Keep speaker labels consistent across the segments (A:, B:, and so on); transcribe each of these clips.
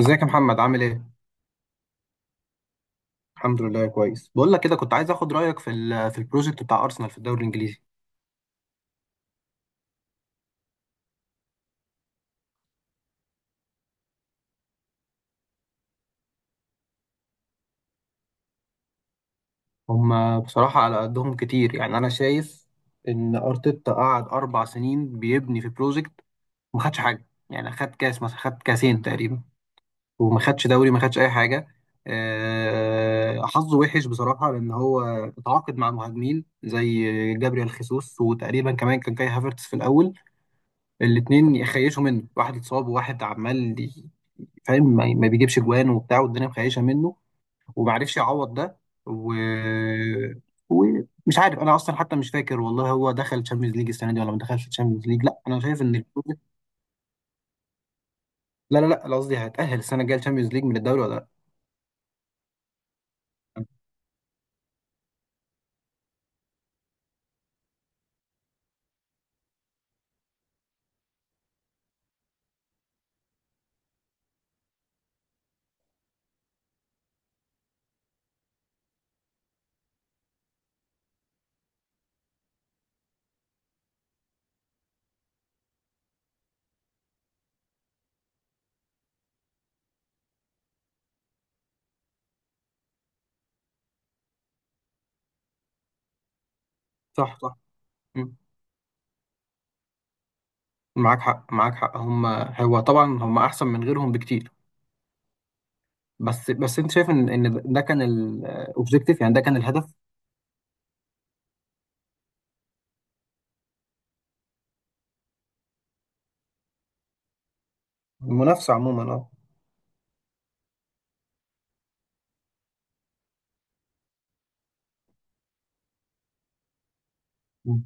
A: ازيك يا محمد، عامل ايه؟ الحمد لله كويس. بقول لك كده، كنت عايز اخد رايك في البروجكت بتاع ارسنال في الدوري الانجليزي. هم بصراحه على قدهم كتير، يعني انا شايف ان ارتيتا قعد 4 سنين بيبني في بروجكت، وما خدش حاجه، يعني خد كاس مثلا، خد كاسين تقريبا، وما خدش دوري، ما خدش اي حاجه. حظه وحش بصراحه، لان هو اتعاقد مع مهاجمين زي جابريال خيسوس، وتقريبا كمان كان كاي هافرتس في الاول. الاتنين يخيشوا منه، واحد اتصاب وواحد عمال فاهم، ما بيجيبش جوان وبتاع، والدنيا مخيشه منه، وما عرفش يعوض ده. و ومش عارف انا اصلا، حتى مش فاكر والله، هو دخل تشامبيونز ليج السنه دي ولا ما دخلش تشامبيونز ليج؟ لا، انا شايف ان لا لا لا، أنا قصدي هتأهل السنه الجايه تشامبيونز ليج من الدوري ولا لا؟ صح صح. مم. معاك حق، معاك حق. هو طبعا هم احسن من غيرهم بكتير. بس انت شايف ان ده كان الاوبجيكتيف، يعني ده كان الهدف. المنافسه عموما، اه. مم.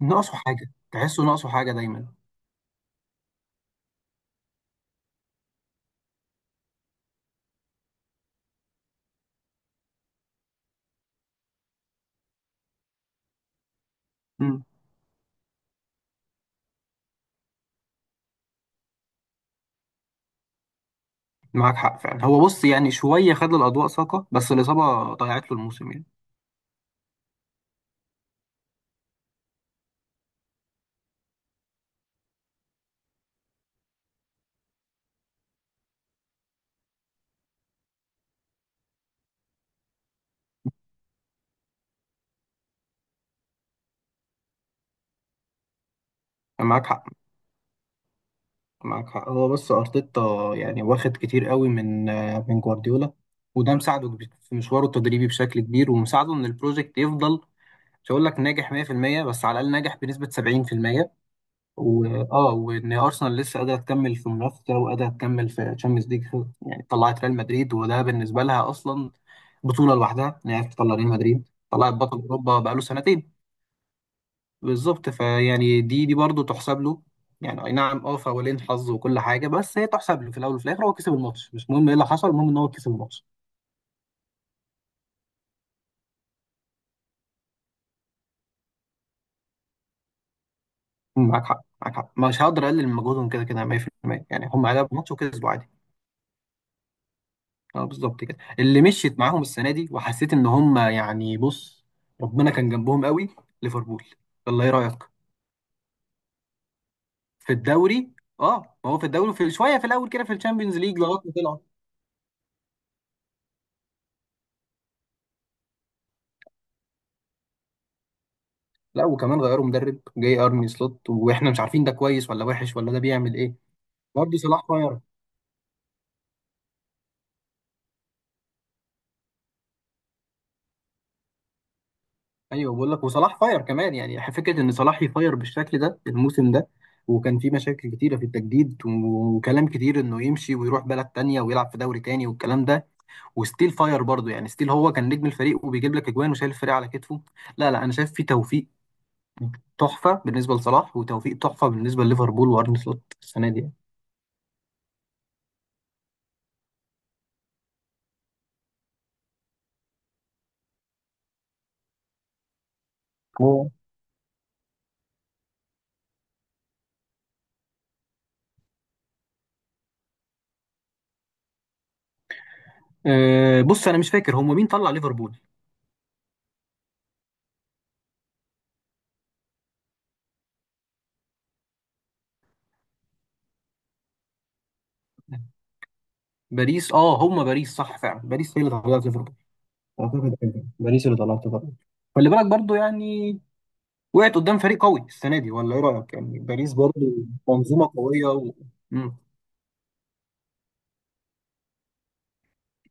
A: ناقصه حاجه، تحسه ناقصه حاجه دايما. معاك حق فعلا، هو بص يعني شوية خد الأضواء ساقة، بس الإصابة ضيعت له الموسم يعني. معاك حق، معاك حق. هو بس أرتيتا يعني واخد كتير قوي من جوارديولا، وده مساعده في مشواره التدريبي بشكل كبير، ومساعده إن البروجكت يفضل. مش هقول لك ناجح 100%، بس على الأقل ناجح بنسبة 70%. وإن أرسنال لسه قادرة تكمل في منافسة، وقادرة تكمل في تشامبيونز ليج. يعني طلعت ريال مدريد، وده بالنسبة لها أصلا بطولة لوحدها، إن هي تطلع ريال مدريد، طلعت بطل أوروبا بقاله سنتين. بالظبط، فيعني دي برضه تحسب له، يعني اي نعم اه، فاولين حظ وكل حاجه، بس هي تحسب له في الاول وفي الاخر. هو كسب الماتش، مش مهم ايه اللي حصل، المهم ان هو كسب الماتش. مم، معاك حق، معاك حق. مش هقدر اقلل من مجهودهم كده كده 100%، يعني هم لعبوا ماتش وكسبوا عادي. اه بالظبط كده، اللي مشيت معاهم السنه دي وحسيت ان هم يعني، بص ربنا كان جنبهم قوي. ليفربول، الله، ايه رايك؟ في الدوري؟ اه، ما هو في الدوري في شويه في الاول كده، في الشامبيونز ليج لغايه ما طلعوا. لا، وكمان غيروا مدرب جاي ارني سلوت، واحنا مش عارفين ده كويس ولا وحش، ولا ده بيعمل ايه. برضه صلاح فاير. ايوه بقول لك، وصلاح فاير كمان يعني، فكره ان صلاح يفاير بالشكل ده الموسم ده، وكان في مشاكل كتيره في التجديد، وكلام كتير انه يمشي ويروح بلد تانية ويلعب في دوري تاني والكلام ده. وستيل فاير برضه يعني، ستيل هو كان نجم الفريق وبيجيب لك اجوان وشايل الفريق على كتفه. لا لا، انا شايف في توفيق تحفه بالنسبه لصلاح، وتوفيق تحفه بالنسبه لليفربول وارني سلوت السنه دي يعني. هو- أه بص انا مش فاكر، هم مين طلع ليفربول؟ باريس. اه هم باريس، صح، فعلا باريس هي اللي طلعت ليفربول. اعتقد ايوه، باريس اللي طلعت بره. خلي بالك برضو يعني، وقعت قدام فريق قوي السنه دي ولا ايه رايك؟ يعني باريس برضو منظومه قويه مم.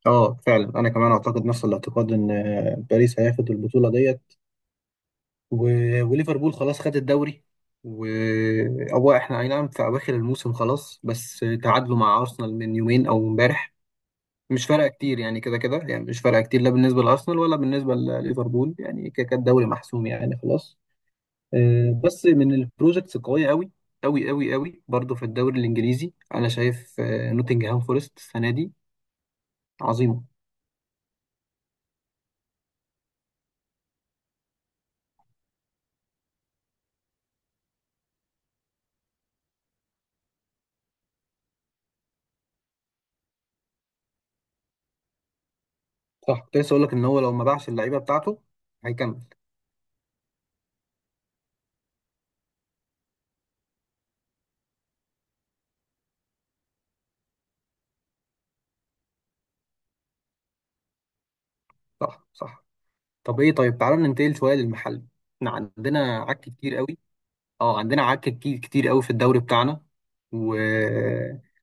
A: اه فعلا، انا كمان اعتقد نفس الاعتقاد ان باريس هياخد البطوله ديت. و... وليفربول خلاص خد الدوري. و هو احنا اي نعم في اواخر الموسم خلاص، بس تعادلوا مع ارسنال من يومين او امبارح. مش فارقه كتير يعني، كده كده يعني مش فارقه كتير، لا بالنسبه لارسنال ولا بالنسبه لليفربول، يعني كده كده الدوري محسوم يعني، خلاص. بس من البروجكتس القويه قوي قوي قوي قوي برضو في الدوري الانجليزي، انا شايف نوتنجهام فورست السنه دي عظيمه. صح، كنت لسه اقول لك ان هو لو ما باعش اللعيبه بتاعته هيكمل. صح صح. طب ايه، طيب تعالى ننتقل شويه للمحل، احنا عندنا عك كتير قوي. اه عندنا عك كتير كتير قوي في الدوري بتاعنا، و...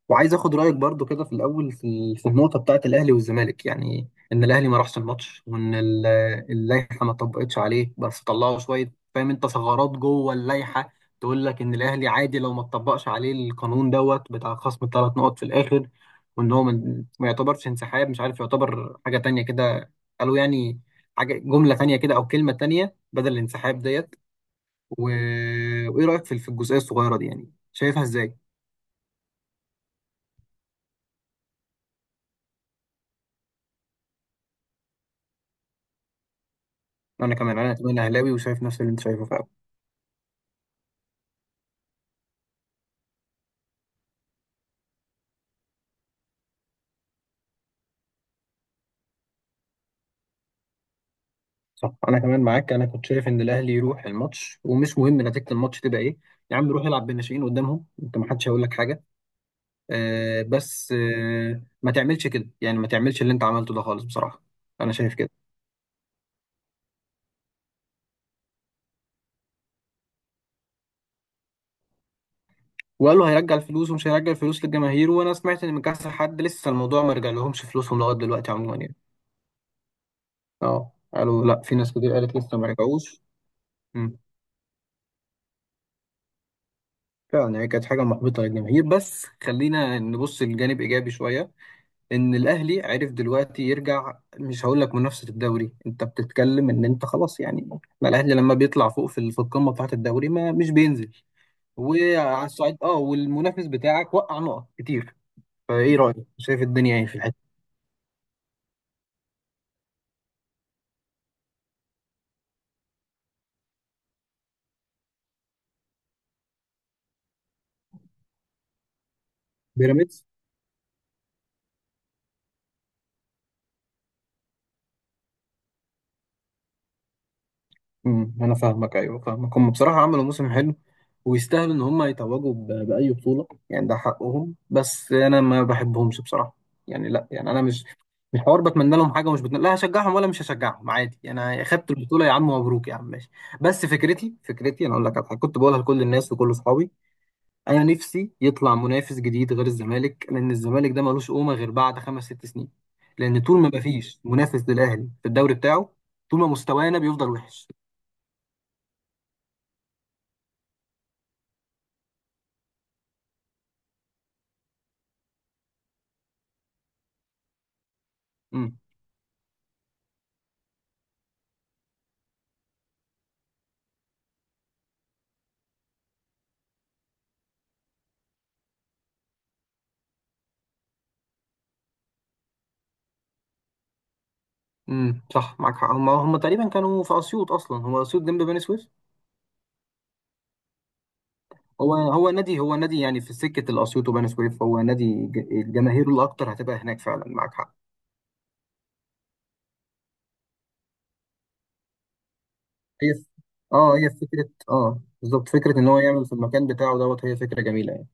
A: وعايز اخد رايك برضو كده في الاول، في النقطه بتاعه الاهلي والزمالك، يعني ان الاهلي ما راحش الماتش، وان اللائحه ما طبقتش عليه، بس طلعوا شويه، فاهم انت، ثغرات جوه اللائحه تقول لك ان الاهلي عادي لو ما طبقش عليه القانون دوت بتاع خصم الثلاث نقط في الاخر، وان هو ما يعتبرش انسحاب. مش عارف، يعتبر حاجه تانية كده، قالوا يعني حاجه جمله تانية كده، او كلمه تانية بدل الانسحاب ديت. و... وايه رايك في الجزئيه الصغيره دي، يعني شايفها ازاي؟ انا كمان اهلاوي، وشايف نفس اللي انت شايفه فعلا. صح، انا كمان معاك، انا كنت شايف ان الاهلي يروح الماتش، ومش مهم نتيجه الماتش تبقى ايه. يا عم، روح العب بالناشئين قدامهم انت، ما حدش هيقول لك حاجه. بس ما تعملش كده يعني، ما تعملش اللي انت عملته ده خالص بصراحه. انا شايف كده. وقالوا هيرجع الفلوس ومش هيرجع الفلوس للجماهير، وانا سمعت ان من كذا حد لسه الموضوع ما رجعلهمش فلوسهم لغايه دلوقتي عموما يعني. اه، قالوا لا، في ناس كتير قالت لسه ما رجعوش. فعلا، هي كانت حاجة محبطة للجماهير، بس خلينا نبص لجانب إيجابي شوية، إن الأهلي عرف دلوقتي يرجع. مش هقول لك منافسة الدوري، أنت بتتكلم إن أنت خلاص يعني، ما الأهلي لما بيطلع فوق في القمة بتاعة الدوري ما مش بينزل، وعلى الصعيد والمنافس بتاعك وقع نقط كتير. فإيه رأيك؟ شايف الدنيا إيه في الحتة؟ بيراميدز؟ انا فاهمك، ايوه فاهمك. هم بصراحه عملوا موسم حلو، ويستاهلوا ان هم يتوجوا باي بطوله يعني، ده حقهم، بس انا ما بحبهمش بصراحه، يعني لا، يعني انا مش حوار بتمنى لهم حاجه ومش بتمنى، لا هشجعهم ولا مش هشجعهم عادي. انا خدت البطوله يا عم، مبروك يا عم، ماشي. بس فكرتي، انا اقول لك على حاجه كنت بقولها لكل الناس وكل اصحابي. انا نفسي يطلع منافس جديد غير الزمالك، لان الزمالك ده ملوش قومه غير بعد خمس ست سنين، لان طول ما مفيش منافس للاهلي في الدوري بتاعه، طول ما مستوانا بيفضل وحش. صح، معاك حق. هم تقريبا كانوا في اسيوط، اصلا هو اسيوط جنب بني سويف. هو نادي يعني، في سكه الاسيوط وبني سويف، هو نادي الجماهير الاكتر هتبقى هناك، فعلا معاك حق. هي ف- اه هي فكره، اه بالظبط، فكره ان هو يعمل في المكان بتاعه دوت، هي فكره جميله يعني.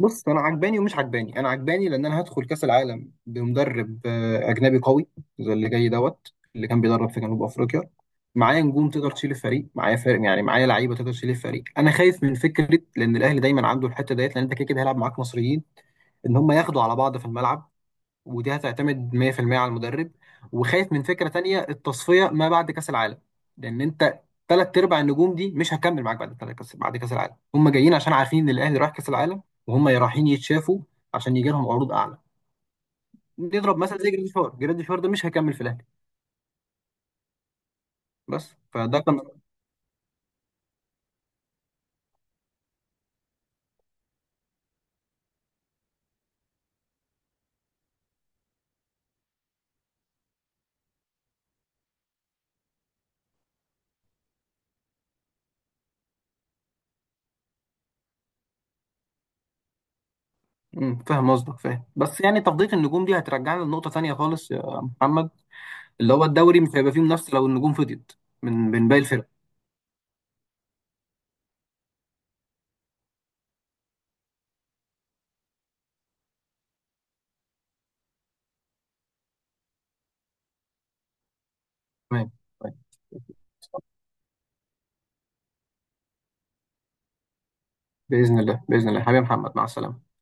A: بص، انا عجباني ومش عجباني. انا عجباني لان انا هدخل كاس العالم بمدرب اجنبي قوي، زي اللي جاي دوت، اللي كان بيدرب في جنوب افريقيا. معايا نجوم تقدر تشيل الفريق، معايا فرق يعني، معايا لعيبه تقدر تشيل الفريق. انا خايف من فكره، لان الاهلي دايما عنده الحته ديت، لان انت كده كده هيلعب معاك مصريين، ان هم ياخدوا على بعض في الملعب، ودي هتعتمد 100% على المدرب. وخايف من فكرة تانية، التصفية ما بعد كأس العالم، لأن أنت تلات أرباع النجوم دي مش هتكمل معاك بعد كأس العالم. هم جايين عشان عارفين إن الأهلي رايح كأس العالم، وهم رايحين يتشافوا عشان يجي لهم عروض أعلى. نضرب مثلا زي جراديشوار، ده مش هيكمل في الأهلي، بس فده كان. مم، فاهم قصدك، فاهم، بس يعني تفضيل النجوم دي هترجعنا لنقطة تانية خالص يا محمد، اللي هو الدوري مش هيبقى فيه منافسة لو النجوم فضيت من باقي الفرق. تمام. طيب. باذن الله باذن الله، حبيبي محمد، مع السلامه.